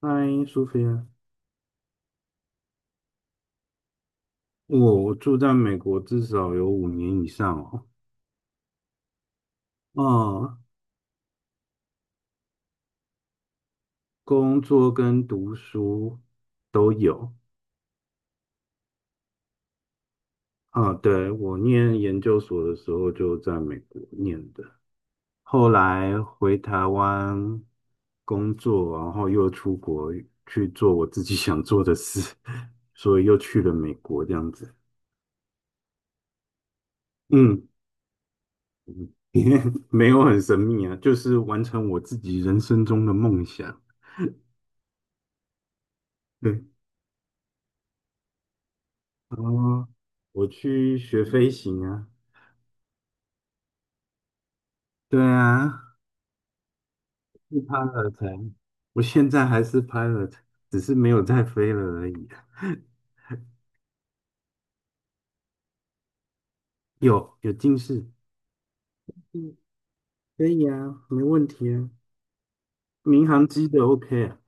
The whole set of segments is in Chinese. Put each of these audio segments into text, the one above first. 嗨，苏菲亚，我住在美国至少有5年以上哦。嗯，工作跟读书都有。啊，对，我念研究所的时候就在美国念的，后来回台湾工作，然后又出国去做我自己想做的事，所以又去了美国这样子。嗯，没有很神秘啊，就是完成我自己人生中的梦想。对，哦，我去学飞行啊。对啊，是 pilot 啊。我现在还是 pilot，只是没有在飞了而已。有近视。嗯，可以啊，没问题啊。民航机的 OK 啊，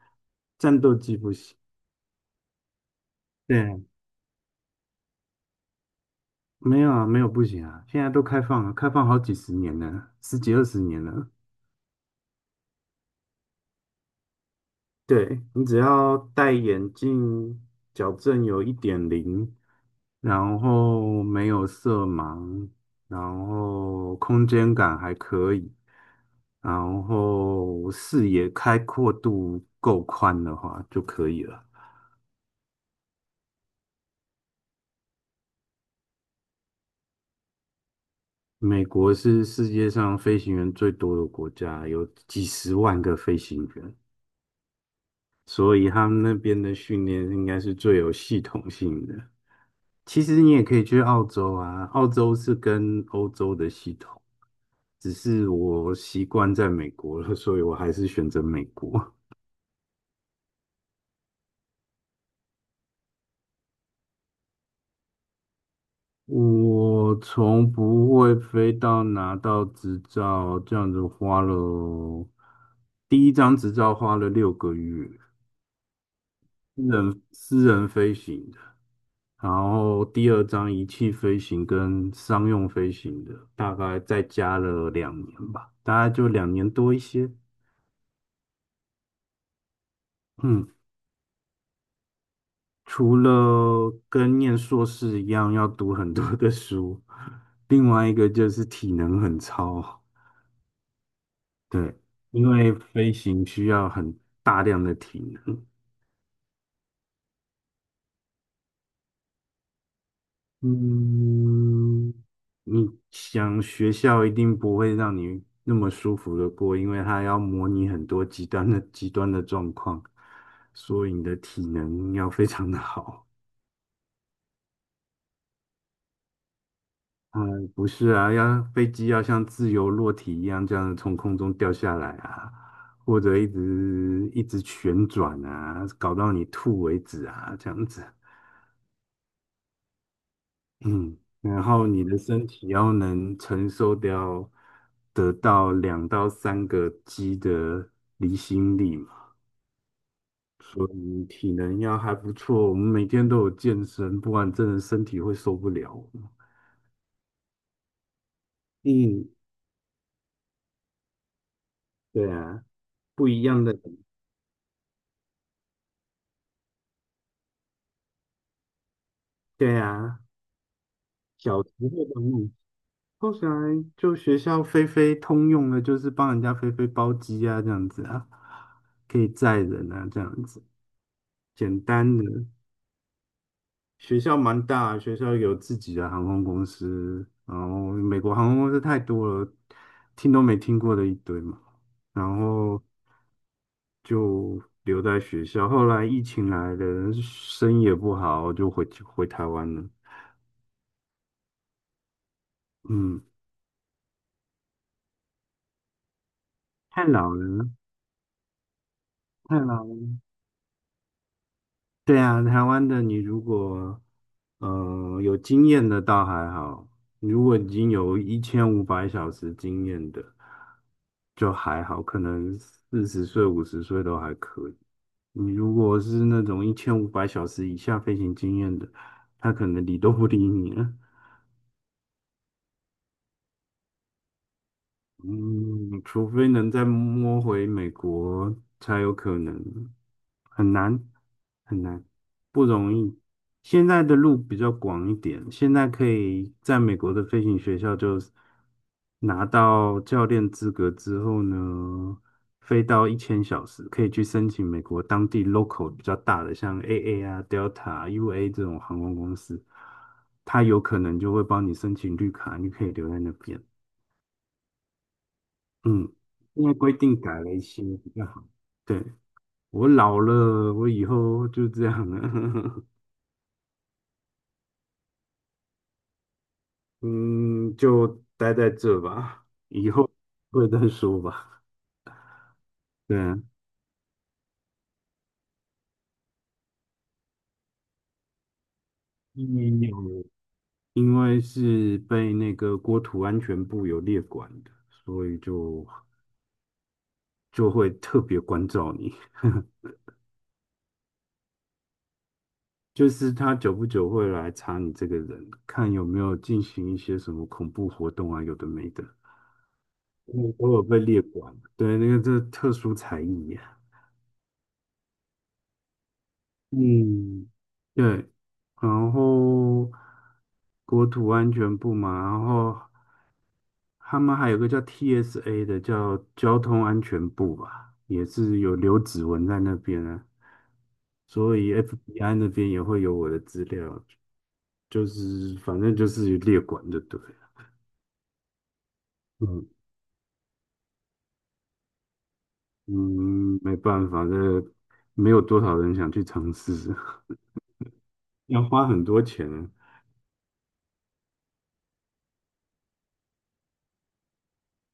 战斗机不行。对啊，没有啊，没有不行啊，现在都开放了，开放好几十年了，十几二十年了。对，你只要戴眼镜，矫正有1.0，然后没有色盲，然后空间感还可以，然后视野开阔度够宽的话就可以了。美国是世界上飞行员最多的国家，有几十万个飞行员。所以他们那边的训练应该是最有系统性的。其实你也可以去澳洲啊，澳洲是跟欧洲的系统，只是我习惯在美国了，所以我还是选择美国。我从不会飞到拿到执照，这样子花了，第一张执照花了6个月，私人飞行的，然后第二张仪器飞行跟商用飞行的，大概再加了两年吧，大概就2年多一些。嗯，除了跟念硕士一样要读很多的书，另外一个就是体能很超。对，因为飞行需要很大量的体能。嗯，你想学校一定不会让你那么舒服的过，因为它要模拟很多极端的状况，所以你的体能要非常的好。不是啊，要飞机要像自由落体一样这样从空中掉下来啊，或者一直一直旋转啊，搞到你吐为止啊，这样子。嗯，然后你的身体要能承受掉得到2到3个 G 的离心力嘛，所以体能要还不错。我们每天都有健身，不然真的身体会受不了。嗯，对啊，不一样的。对啊，小时候的梦想，后来就学校飞飞通用的，就是帮人家飞飞包机啊，这样子啊，可以载人啊，这样子，简单的。学校蛮大，学校有自己的航空公司，然后美国航空公司太多了，听都没听过的一堆嘛，然后就留在学校。后来疫情来了，生意也不好，就回台湾了。嗯，太老了，太老。对啊，台湾的你如果有经验的倒还好，如果已经有一千五百小时经验的就还好，可能40岁、50岁都还可以。你如果是那种一千五百小时以下飞行经验的，他可能理都不理你了。嗯，除非能再摸回美国，才有可能，很难很难，不容易。现在的路比较广一点，现在可以在美国的飞行学校就拿到教练资格之后呢，飞到1000小时，可以去申请美国当地 local 比较大的，像 AA 啊、Delta、UA 这种航空公司，它有可能就会帮你申请绿卡，你可以留在那边。嗯，因为规定改了一些比较好。对，我老了，我以后就这样了。嗯，就待在这吧，以后会再说吧。对啊，因为有因为是被那个国土安全部有列管的，所以就会特别关照你，就是他久不久会来查你这个人，看有没有进行一些什么恐怖活动啊，有的没的。嗯，都有被列管。对，那个这特殊才艺啊。嗯，对，然后国土安全部嘛，然后他们还有个叫 TSA 的，叫交通安全部吧，也是有留指纹在那边啊，所以 FBI 那边也会有我的资料，就是反正就是列管就对了。嗯嗯，没办法，这没有多少人想去尝试，要花很多钱。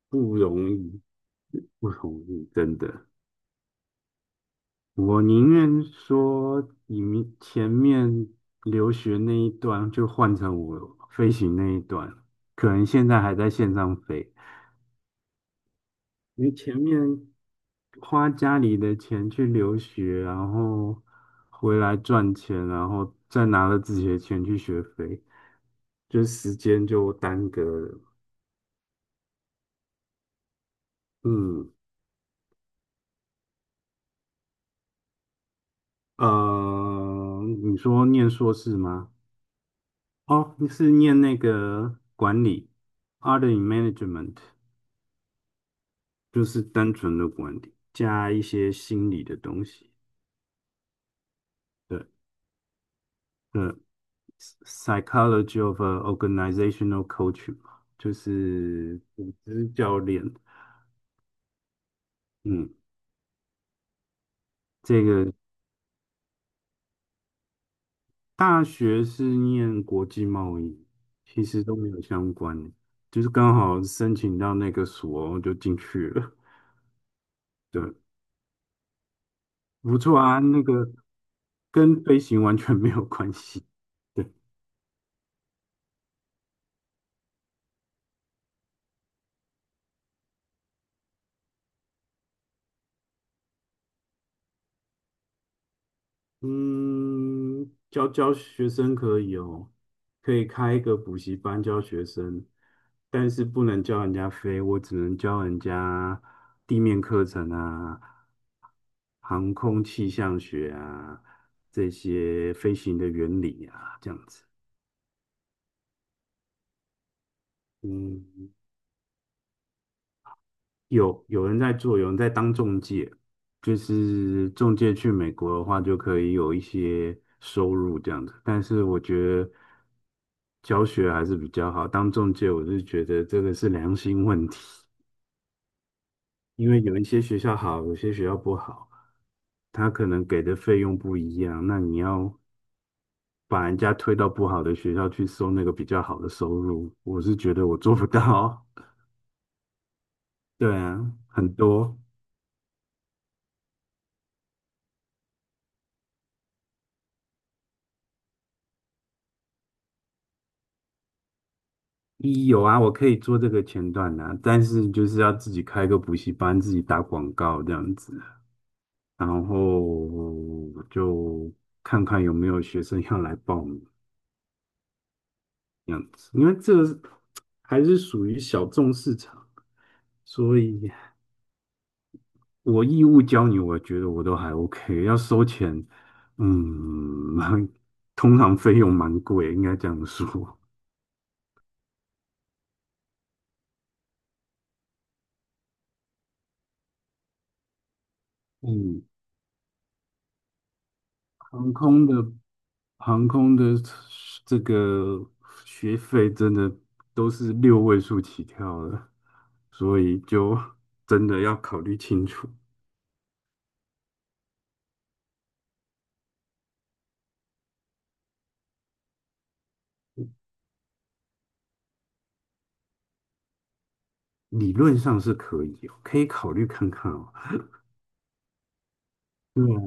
不容易，不容易，真的。我宁愿说你们前面留学那一段就换成我飞行那一段，可能现在还在线上飞，因为前面花家里的钱去留学，然后回来赚钱，然后再拿了自己的钱去学飞，就时间就耽搁了。嗯，你说念硕士吗？哦，你是念那个管理 a r d in Management),就是单纯的管理，加一些心理的东西。对，呃，Psychology of a Organizational Coaching 嘛，就是组织教练。嗯，这个大学是念国际贸易，其实都没有相关，的，就是刚好申请到那个所就进去了。对，不错啊，那个跟飞行完全没有关系。嗯，教教学生可以哦，可以开一个补习班教学生，但是不能教人家飞，我只能教人家地面课程啊、航空气象学啊这些飞行的原理啊，这样子。嗯，有人在做，有人在当中介，就是中介去美国的话，就可以有一些收入这样子。但是我觉得教学还是比较好，当中介我是觉得这个是良心问题，因为有一些学校好，有些学校不好，他可能给的费用不一样，那你要把人家推到不好的学校去收那个比较好的收入，我是觉得我做不到。对啊，很多。一有啊，我可以做这个前段啊，但是就是要自己开个补习班，自己打广告这样子啊，然后就看看有没有学生要来报名这样子，因为这个还是属于小众市场，所以我义务教你，我觉得我都还 OK,要收钱，嗯，通常费用蛮贵，应该这样说。嗯，航空的航空的这个学费真的都是六位数起跳的，所以就真的要考虑清楚。理论上是可以哦，可以考虑看看哦。对啊，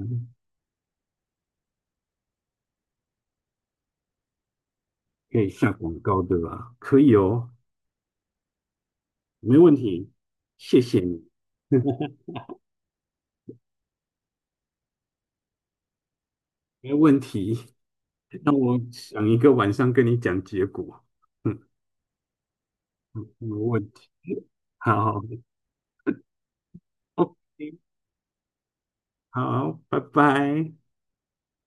可以下广告对吧？可以哦，没问题，谢谢你，没问题。让我想一个晚上跟你讲结果。嗯，没问题。好，OK,好，拜拜。